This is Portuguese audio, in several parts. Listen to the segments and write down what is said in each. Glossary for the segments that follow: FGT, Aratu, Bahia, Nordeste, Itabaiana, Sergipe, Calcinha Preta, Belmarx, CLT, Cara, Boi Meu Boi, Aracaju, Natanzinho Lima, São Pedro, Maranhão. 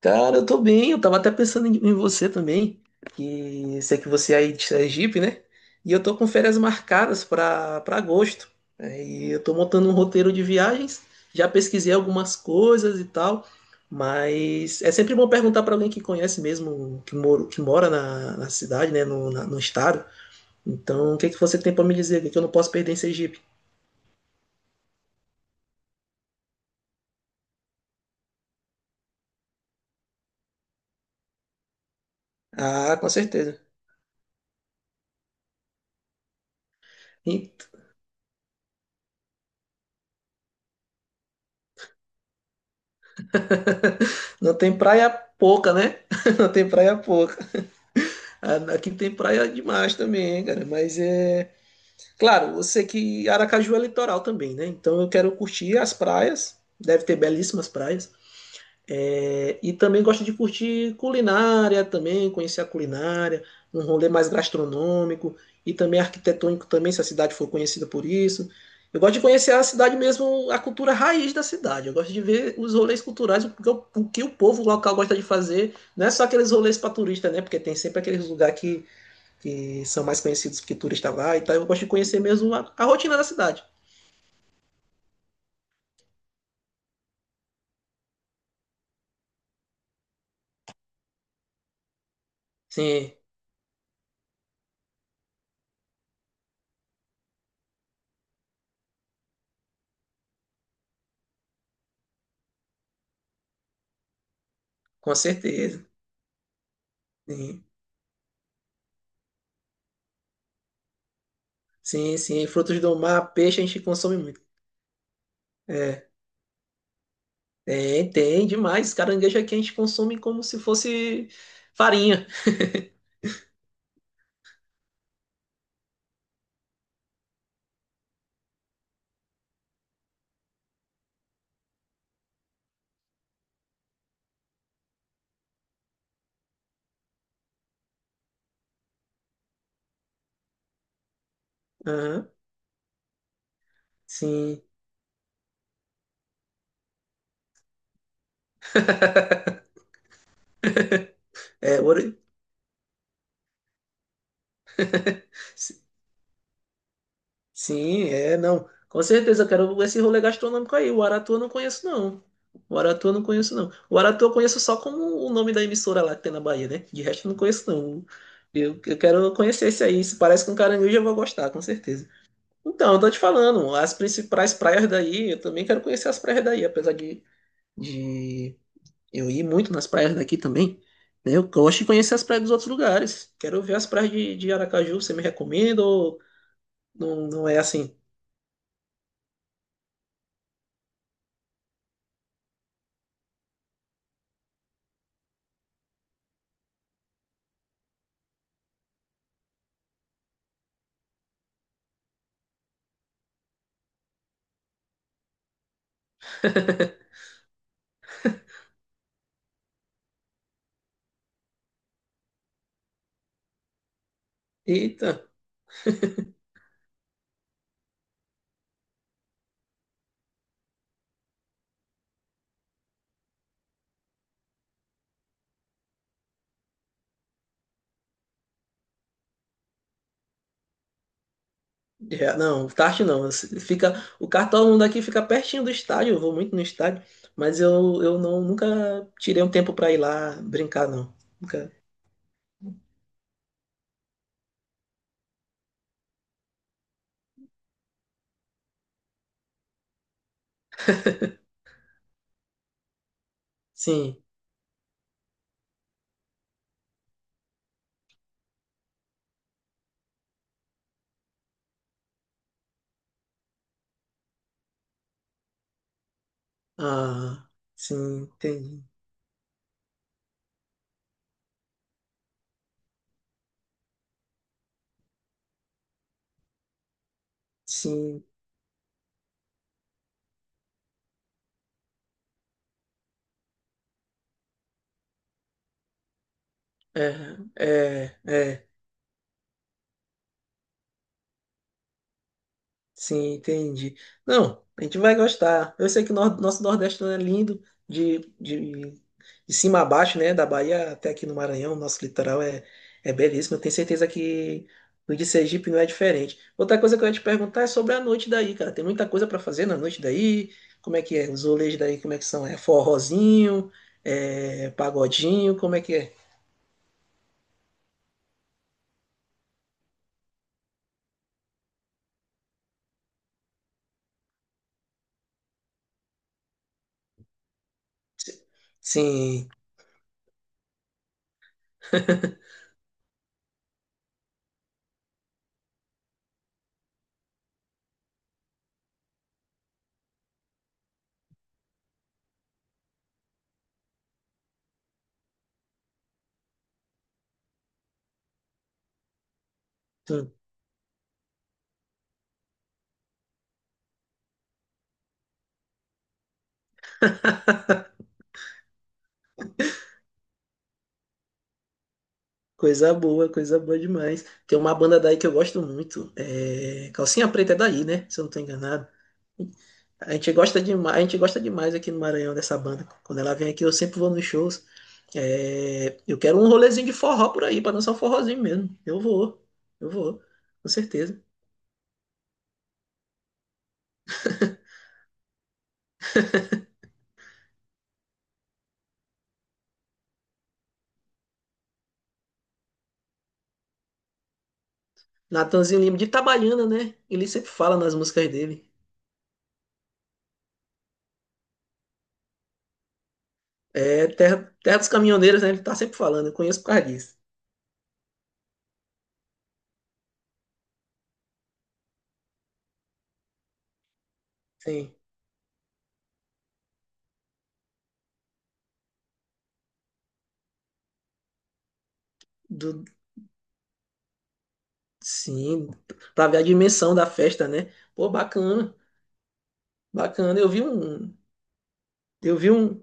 Cara, eu tô bem, eu tava até pensando em você também, que sei que você é aí de Sergipe, né? E eu tô com férias marcadas pra para agosto. E eu tô montando um roteiro de viagens, já pesquisei algumas coisas e tal, mas é sempre bom perguntar pra alguém que conhece mesmo, que mora na cidade, né, no estado. Então, o que que você tem pra me dizer? O que que eu não posso perder em Sergipe? Ah, com certeza. Ih, Não tem praia pouca, né? Não tem praia pouca. Aqui tem praia demais também, cara. Mas é. Claro, eu sei que Aracaju é litoral também, né? Então eu quero curtir as praias. Deve ter belíssimas praias. E também gosto de curtir culinária também, conhecer a culinária, um rolê mais gastronômico e também arquitetônico também, se a cidade for conhecida por isso. Eu gosto de conhecer a cidade mesmo, a cultura raiz da cidade. Eu gosto de ver os rolês culturais, o que o que o povo local gosta de fazer. Não é só aqueles rolês para turista, né? Porque tem sempre aqueles lugares que são mais conhecidos porque turista vai e tal. Eu gosto de conhecer mesmo a rotina da cidade. Sim, com certeza. Sim, sim, sim. Frutos do mar, peixe a gente consome muito. É, tem demais. Caranguejo aqui a gente consome como se fosse farinha. Aham, sim. É, ouro. Sim, é, não. Com certeza, eu quero esse rolê gastronômico aí. O Aratu eu não conheço, não. O Aratu eu não conheço, não. O Aratu eu conheço só como o nome da emissora lá que tem na Bahia, né? De resto eu não conheço, não. Eu quero conhecer esse aí. Se parece com caranguejo, eu vou gostar, com certeza. Então, eu tô te falando, as principais praias daí, eu também quero conhecer as praias daí, apesar de eu ir muito nas praias daqui também. Né? Eu gosto de conhecer as praias dos outros lugares. Quero ver as praias de Aracaju. Você me recomenda ou não, não é assim? Eita. Não, tarde não. O kart todo mundo aqui fica pertinho do estádio. Eu vou muito no estádio, mas eu não, nunca tirei um tempo pra ir lá brincar, não. Nunca. Sim. Ah, sim, entendi. Sim. É, é, é. Sim, entendi. Não, a gente vai gostar. Eu sei que o nosso Nordeste é lindo, de, de, de cima a baixo, né? Da Bahia até aqui no Maranhão, nosso litoral é belíssimo. Eu tenho certeza que o de Sergipe não é diferente. Outra coisa que eu ia te perguntar é sobre a noite daí, cara. Tem muita coisa para fazer na noite daí? Como é que é? Os rolês daí, como é que são? É forrozinho? É pagodinho? Como é que é? Sim. Sim. Coisa boa demais. Tem uma banda daí que eu gosto muito. Calcinha Preta é daí, né? Se eu não tô enganado. A gente gosta demais, a gente gosta demais aqui no Maranhão dessa banda. Quando ela vem aqui, eu sempre vou nos shows. Eu quero um rolezinho de forró por aí, pra dançar um forrozinho mesmo. Eu vou, com certeza. Natanzinho Lima de Itabaiana, né? Ele sempre fala nas músicas dele. É terra, terra dos caminhoneiros, né? Ele tá sempre falando, eu conheço por causa disso. Sim. Do, Sim, pra ver a dimensão da festa, né? Pô, bacana, bacana. Eu vi um.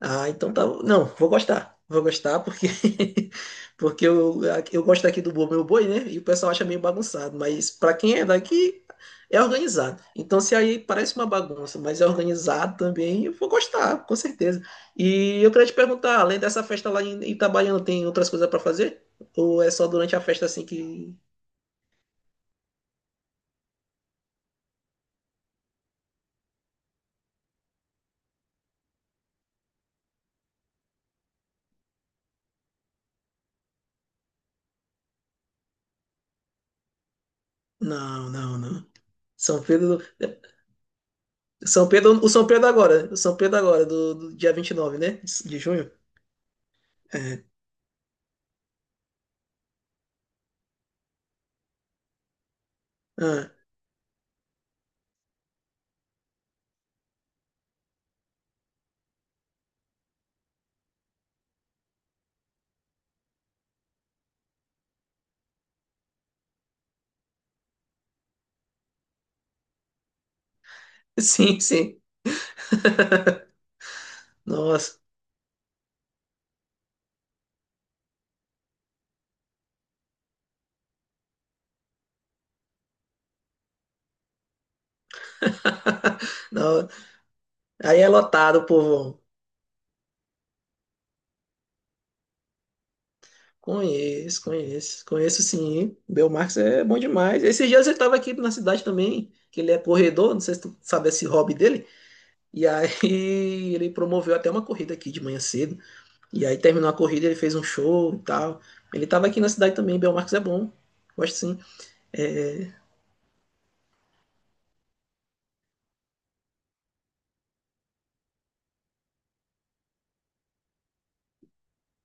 Ah, então tá. Não, vou gostar porque porque eu gosto aqui do Boi Meu Boi, né? E o pessoal acha meio bagunçado, mas pra quem é daqui é organizado. Então se aí parece uma bagunça, mas é organizado também, eu vou gostar, com certeza. E eu queria te perguntar, além dessa festa lá em Itabaiana, tem outras coisas pra fazer? Ou é só durante a festa assim que? Não, não, não. São Pedro São Pedro, o São Pedro agora, do dia 29, né? De junho. É. Ah, sim, sim. Nossa. Não, aí é lotado, povo. Conheço, conheço, conheço, sim. Belmarx é bom demais. Esses dias ele tava aqui na cidade também, que ele é corredor, não sei se tu sabe esse hobby dele. E aí ele promoveu até uma corrida aqui de manhã cedo. E aí terminou a corrida, ele fez um show e tal. Ele tava aqui na cidade também, Belmarx é bom. Gosto, sim. É,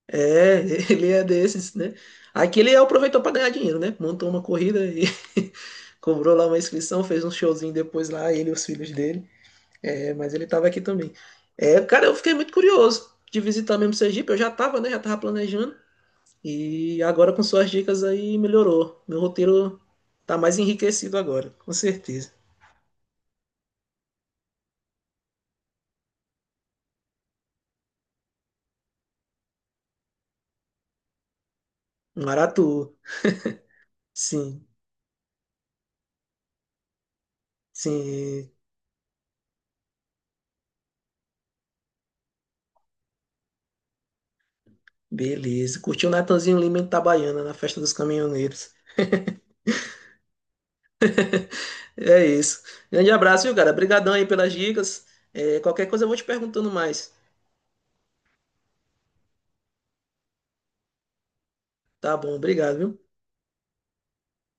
É, Ele é desses, né? Aqui ele aproveitou para ganhar dinheiro, né? Montou uma corrida e cobrou lá uma inscrição, fez um showzinho depois lá, ele e os filhos dele. Mas ele tava aqui também. Cara, eu fiquei muito curioso de visitar mesmo Sergipe. Eu já tava, né? Já tava planejando. E agora com suas dicas aí melhorou. Meu roteiro tá mais enriquecido agora, com certeza. Maratu, sim, sim. Beleza. Curtiu o Natanzinho Lima em Itabaiana, na festa dos caminhoneiros. É isso. Grande abraço, viu, cara? Obrigadão aí pelas dicas. Qualquer coisa eu vou te perguntando mais. Tá bom, obrigado, viu?